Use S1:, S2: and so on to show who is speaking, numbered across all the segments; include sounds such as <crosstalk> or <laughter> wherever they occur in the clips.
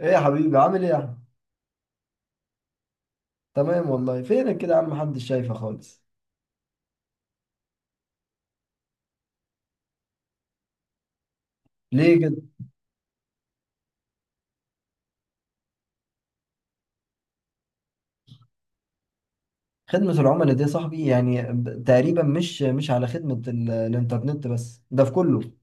S1: ايه يا حبيبي، عامل ايه يا احمد؟ تمام والله. فينك كده يا عم؟ محدش شايفه خالص. ليه كده؟ خدمة العملاء دي يا صاحبي يعني تقريبا مش على خدمة الانترنت بس، ده في كله.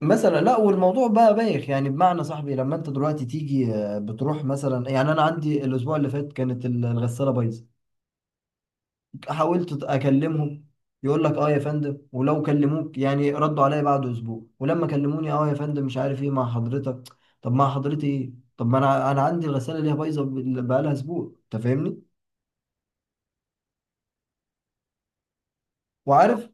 S1: مثلا لا، والموضوع بقى بايخ، يعني بمعنى صاحبي لما انت دلوقتي تيجي، بتروح مثلا، يعني انا عندي الاسبوع اللي فات كانت الغسالة بايظة. حاولت اكلمهم، يقول لك اه يا فندم، ولو كلموك يعني ردوا عليا بعد اسبوع، ولما كلموني اه يا فندم مش عارف ايه مع حضرتك. طب مع حضرتي ايه؟ طب ما انا عندي الغساله اللي هي بايظه بقالها اسبوع، انت فاهمني وعارف.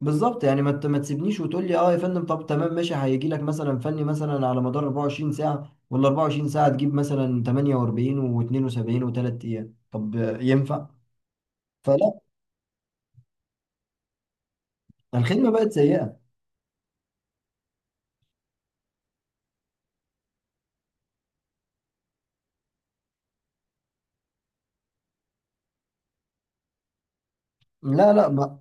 S1: بالظبط يعني ما تسيبنيش وتقول لي اه يا فندم، طب تمام ماشي، هيجي لك مثلا فني مثلا على مدار 24 ساعه، ولا 24 ساعه تجيب مثلا 48 و72 و3 ايام، طب ينفع؟ فلا. الخدمه بقت سيئه. لا لا،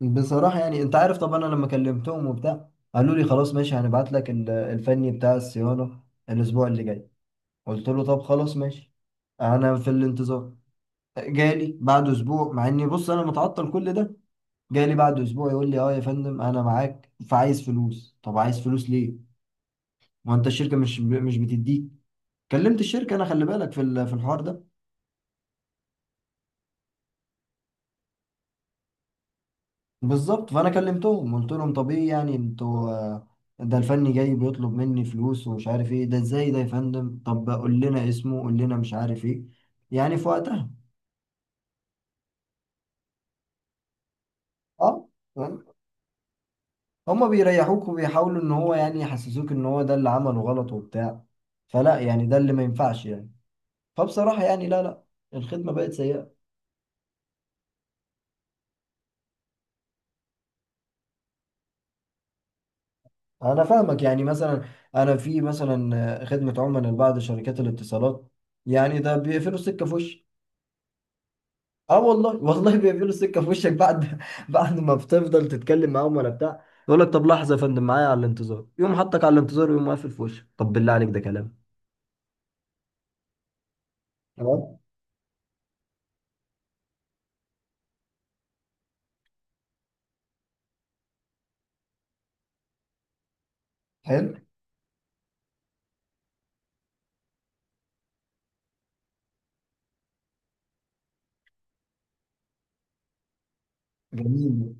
S1: بصراحة يعني انت عارف طبعا، انا لما كلمتهم وبتاع، قالوا لي خلاص ماشي هنبعت لك الفني بتاع الصيانة الاسبوع اللي جاي. قلت له طب خلاص ماشي، انا في الانتظار. جالي بعد اسبوع، مع اني بص انا متعطل كل ده، جالي بعد اسبوع يقول لي اه يا فندم انا معاك فعايز فلوس. طب عايز فلوس ليه؟ ما انت الشركة مش بتديك. كلمت الشركة، انا خلي بالك في الحوار ده. بالظبط، فانا كلمتهم قلت لهم طب ايه يعني انتوا، ده الفني جاي بيطلب مني فلوس ومش عارف ايه، ده ازاي ده يا فندم؟ طب قول لنا اسمه، قول لنا مش عارف ايه، يعني في وقتها. اه. فاهم؟ هما بيريحوك، وبيحاولوا ان هو يعني يحسسوك ان هو ده اللي عمله غلط وبتاع. فلا يعني، ده اللي ما ينفعش يعني. فبصراحة يعني لا لا، الخدمة بقت سيئة. انا فاهمك، يعني مثلا انا في مثلا، خدمة عملاء لبعض شركات الاتصالات، يعني ده بيقفلوا السكة في وشي. اه والله والله بيقفلوا السكه في وشك، بعد <laughs> بعد ما بتفضل تتكلم معاهم ولا بتاع، يقول لك طب لحظه يا فندم معايا على الانتظار، يقوم حطك على الانتظار، ويقوم قافل في وشك. طب بالله عليك ده كلام؟ تمام. حلو. جميل.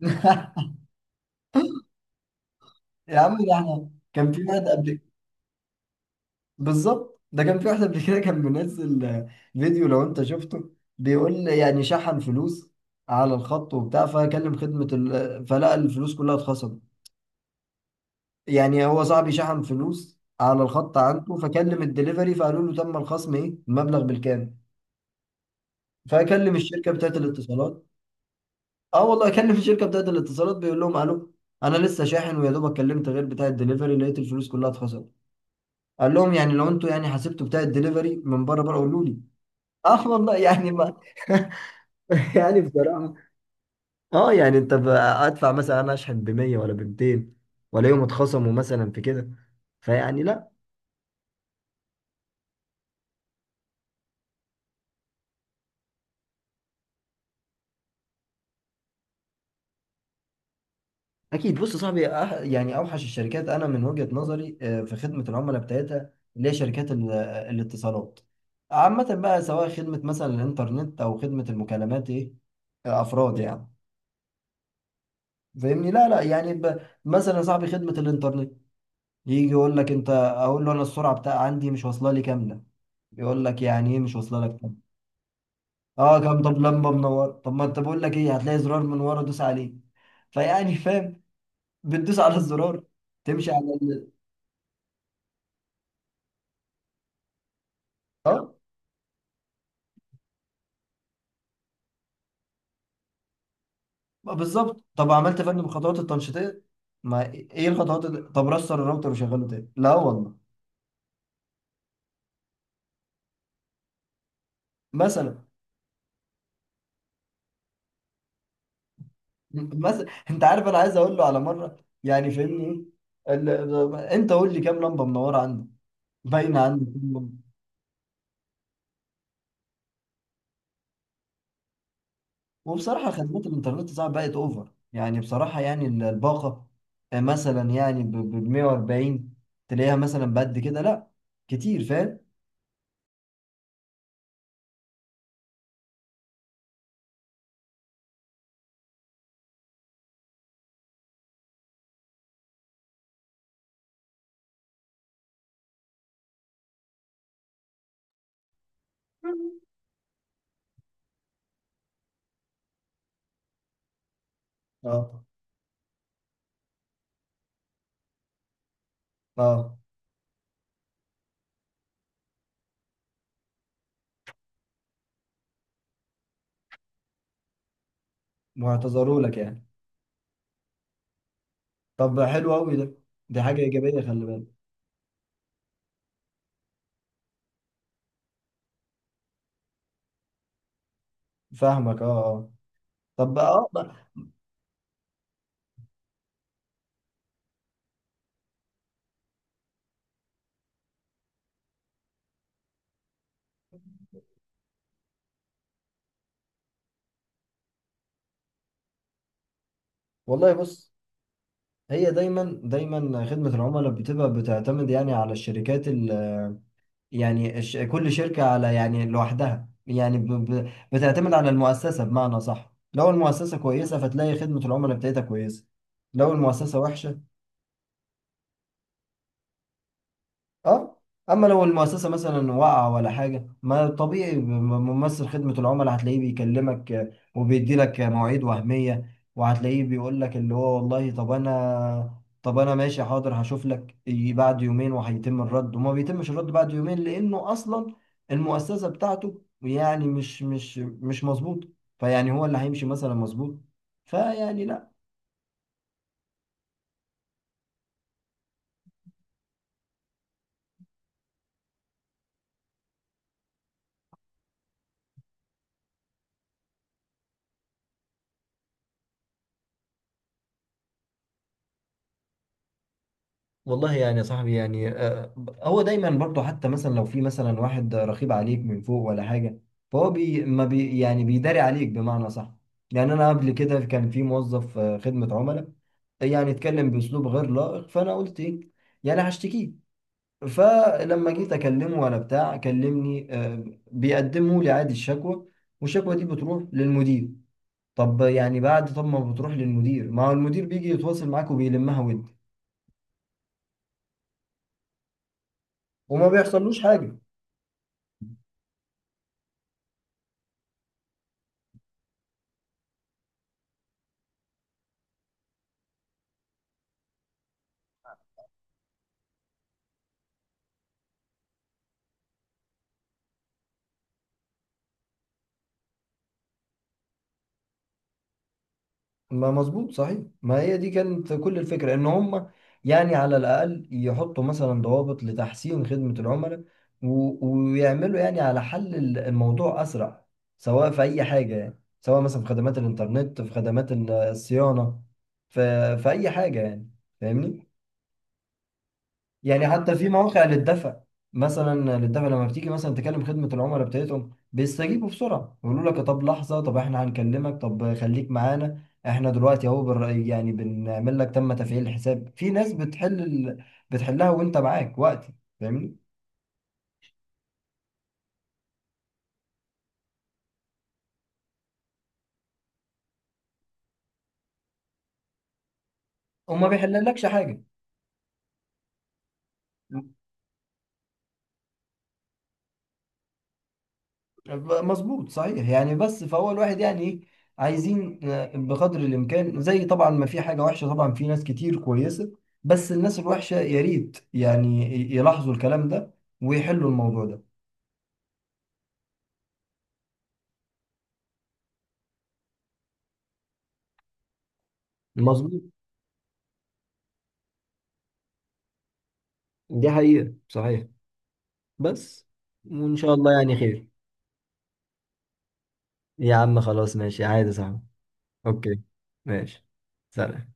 S1: <laughs> يا عم، ده احنا كان في واحد قبل. بالظبط، ده كان في واحد قبل كده كان منزل فيديو، لو انت شفته، بيقول يعني شحن فلوس على الخط وبتاع، فكلم خدمه ال... فلقى الفلوس كلها اتخصمت. يعني هو صاحبي شحن فلوس على الخط عنده، فكلم الدليفري، فقالوا له تم الخصم ايه المبلغ بالكامل. فكلم الشركه بتاعت الاتصالات، اه والله كلم الشركه بتاعت الاتصالات، بيقول لهم الو، انا لسه شاحن ويا دوبك كلمت غير بتاع الدليفري، لقيت الفلوس كلها اتخصمت. قال لهم يعني لو انتوا يعني حسبتوا بتاع الدليفري من بره بره قولوا لي. <laughs> اه والله يعني ما <laughs> يعني بصراحة، اه يعني انت ادفع، مثلا انا اشحن ب 100 ولا ب 200 ولا يوم، اتخصموا مثلا في كده، فيعني لا. اكيد، بص يا صاحبي، يعني اوحش الشركات انا من وجهة نظري، في خدمة العملاء بتاعتها، اللي هي شركات الاتصالات عامة بقى، سواء خدمة مثلا الانترنت او خدمة المكالمات ايه، افراد يعني. فاهمني؟ لا لا يعني، مثلا يا صاحبي خدمة الانترنت، يجي يقول لك انت، اقول له انا السرعة بتاع عندي مش واصلة لي كاملة، يقول لك يعني ايه مش واصلة لك كاملة؟ اه كام؟ طب لمبة منورة؟ طب ما انت بقول لك ايه، هتلاقي زرار من ورا دوس عليه. فيعني فاهم، بتدوس على الزرار، تمشي على ال... اه، ما بالظبط. طب عملت فن بالخطوات التنشيطيه؟ ما ايه الخطوات اللي... طب رستر الراوتر وشغله تاني؟ لا والله. مثلا، مثلا انت عارف انا عايز اقول له على مره، يعني فهمني، ايه انت قول لي كام لمبه منوره عندك، باينه عندك كام لمبة. وبصراحه خدمات الانترنت صعب بقت اوفر، يعني بصراحه، يعني الباقه، مثلا يعني ب 140 تلاقيها مثلا بقد كده، لا كتير، فاهم. اه اه. واعتذروا لك يعني. طب حلو قوي ده، دي حاجة إيجابية، خلي بالك. فاهمك اه اه. بقى. والله بص، هي دايما دايما خدمة العملاء بتبقى بتعتمد يعني على الشركات. يعني كل شركة على يعني لوحدها، يعني ب بتعتمد على المؤسسة بمعنى صح. لو المؤسسة كويسة، فتلاقي خدمة العملاء بتاعتها كويسة، لو المؤسسة وحشة. اه، اما لو المؤسسه مثلا وقع ولا حاجه ما طبيعي، ممثل خدمه العملاء هتلاقيه بيكلمك، وبيدي لك مواعيد وهميه، وهتلاقيه بيقول لك اللي هو والله طب انا طب انا ماشي حاضر هشوف لك، يجي بعد يومين وهيتم الرد، وما بيتمش الرد بعد يومين، لانه اصلا المؤسسه بتاعته يعني مش مظبوط. فيعني هو اللي هيمشي مثلا مظبوط، فيعني لا. والله يعني يا صاحبي، يعني هو دايما برضه، حتى مثلا لو في مثلا واحد رقيب عليك من فوق ولا حاجه، فهو بي ما بي يعني بيداري عليك بمعنى صح. يعني انا قبل كده كان في موظف خدمه عملاء يعني اتكلم باسلوب غير لائق، فانا قلت ايه، يعني هشتكيه. فلما جيت اكلمه ولا بتاع، كلمني بيقدموا لي عادي الشكوى، والشكوى دي بتروح للمدير. طب يعني بعد طب ما بتروح للمدير، ما هو المدير بيجي يتواصل معاك وبيلمها ود، وما بيحصلوش حاجه. ما مظبوط صحيح، ما هي دي كانت كل الفكرة، ان هم يعني على الاقل يحطوا مثلا ضوابط لتحسين خدمة العملاء، و- ويعملوا يعني على حل الموضوع اسرع، سواء في اي حاجة، يعني سواء مثلا في خدمات الانترنت، في خدمات الصيانة، في اي حاجة يعني. فاهمني. يعني حتى في مواقع للدفع، مثلا للدفع، لما بتيجي مثلا تكلم خدمة العملاء بتاعتهم، بيستجيبوا بسرعة، يقولوا لك طب لحظة، طب احنا هنكلمك، طب خليك معانا، احنا دلوقتي اهو يعني بنعمل لك تم تفعيل الحساب، في ناس بتحل ال... بتحلها وانت معاك وقتي. فاهمني. وما بيحللكش حاجة. مظبوط صحيح يعني. بس فهو الواحد يعني ايه، عايزين بقدر الامكان، زي طبعا ما في حاجه وحشه، طبعا في ناس كتير كويسه، بس الناس الوحشه يا ريت يعني يلاحظوا الكلام ده ويحلوا الموضوع ده. مظبوط، دي حقيقة صحيح، بس وإن شاء الله يعني خير. يا عم خلاص، ماشي، عادي، صح. أوكي، ماشي، سلام.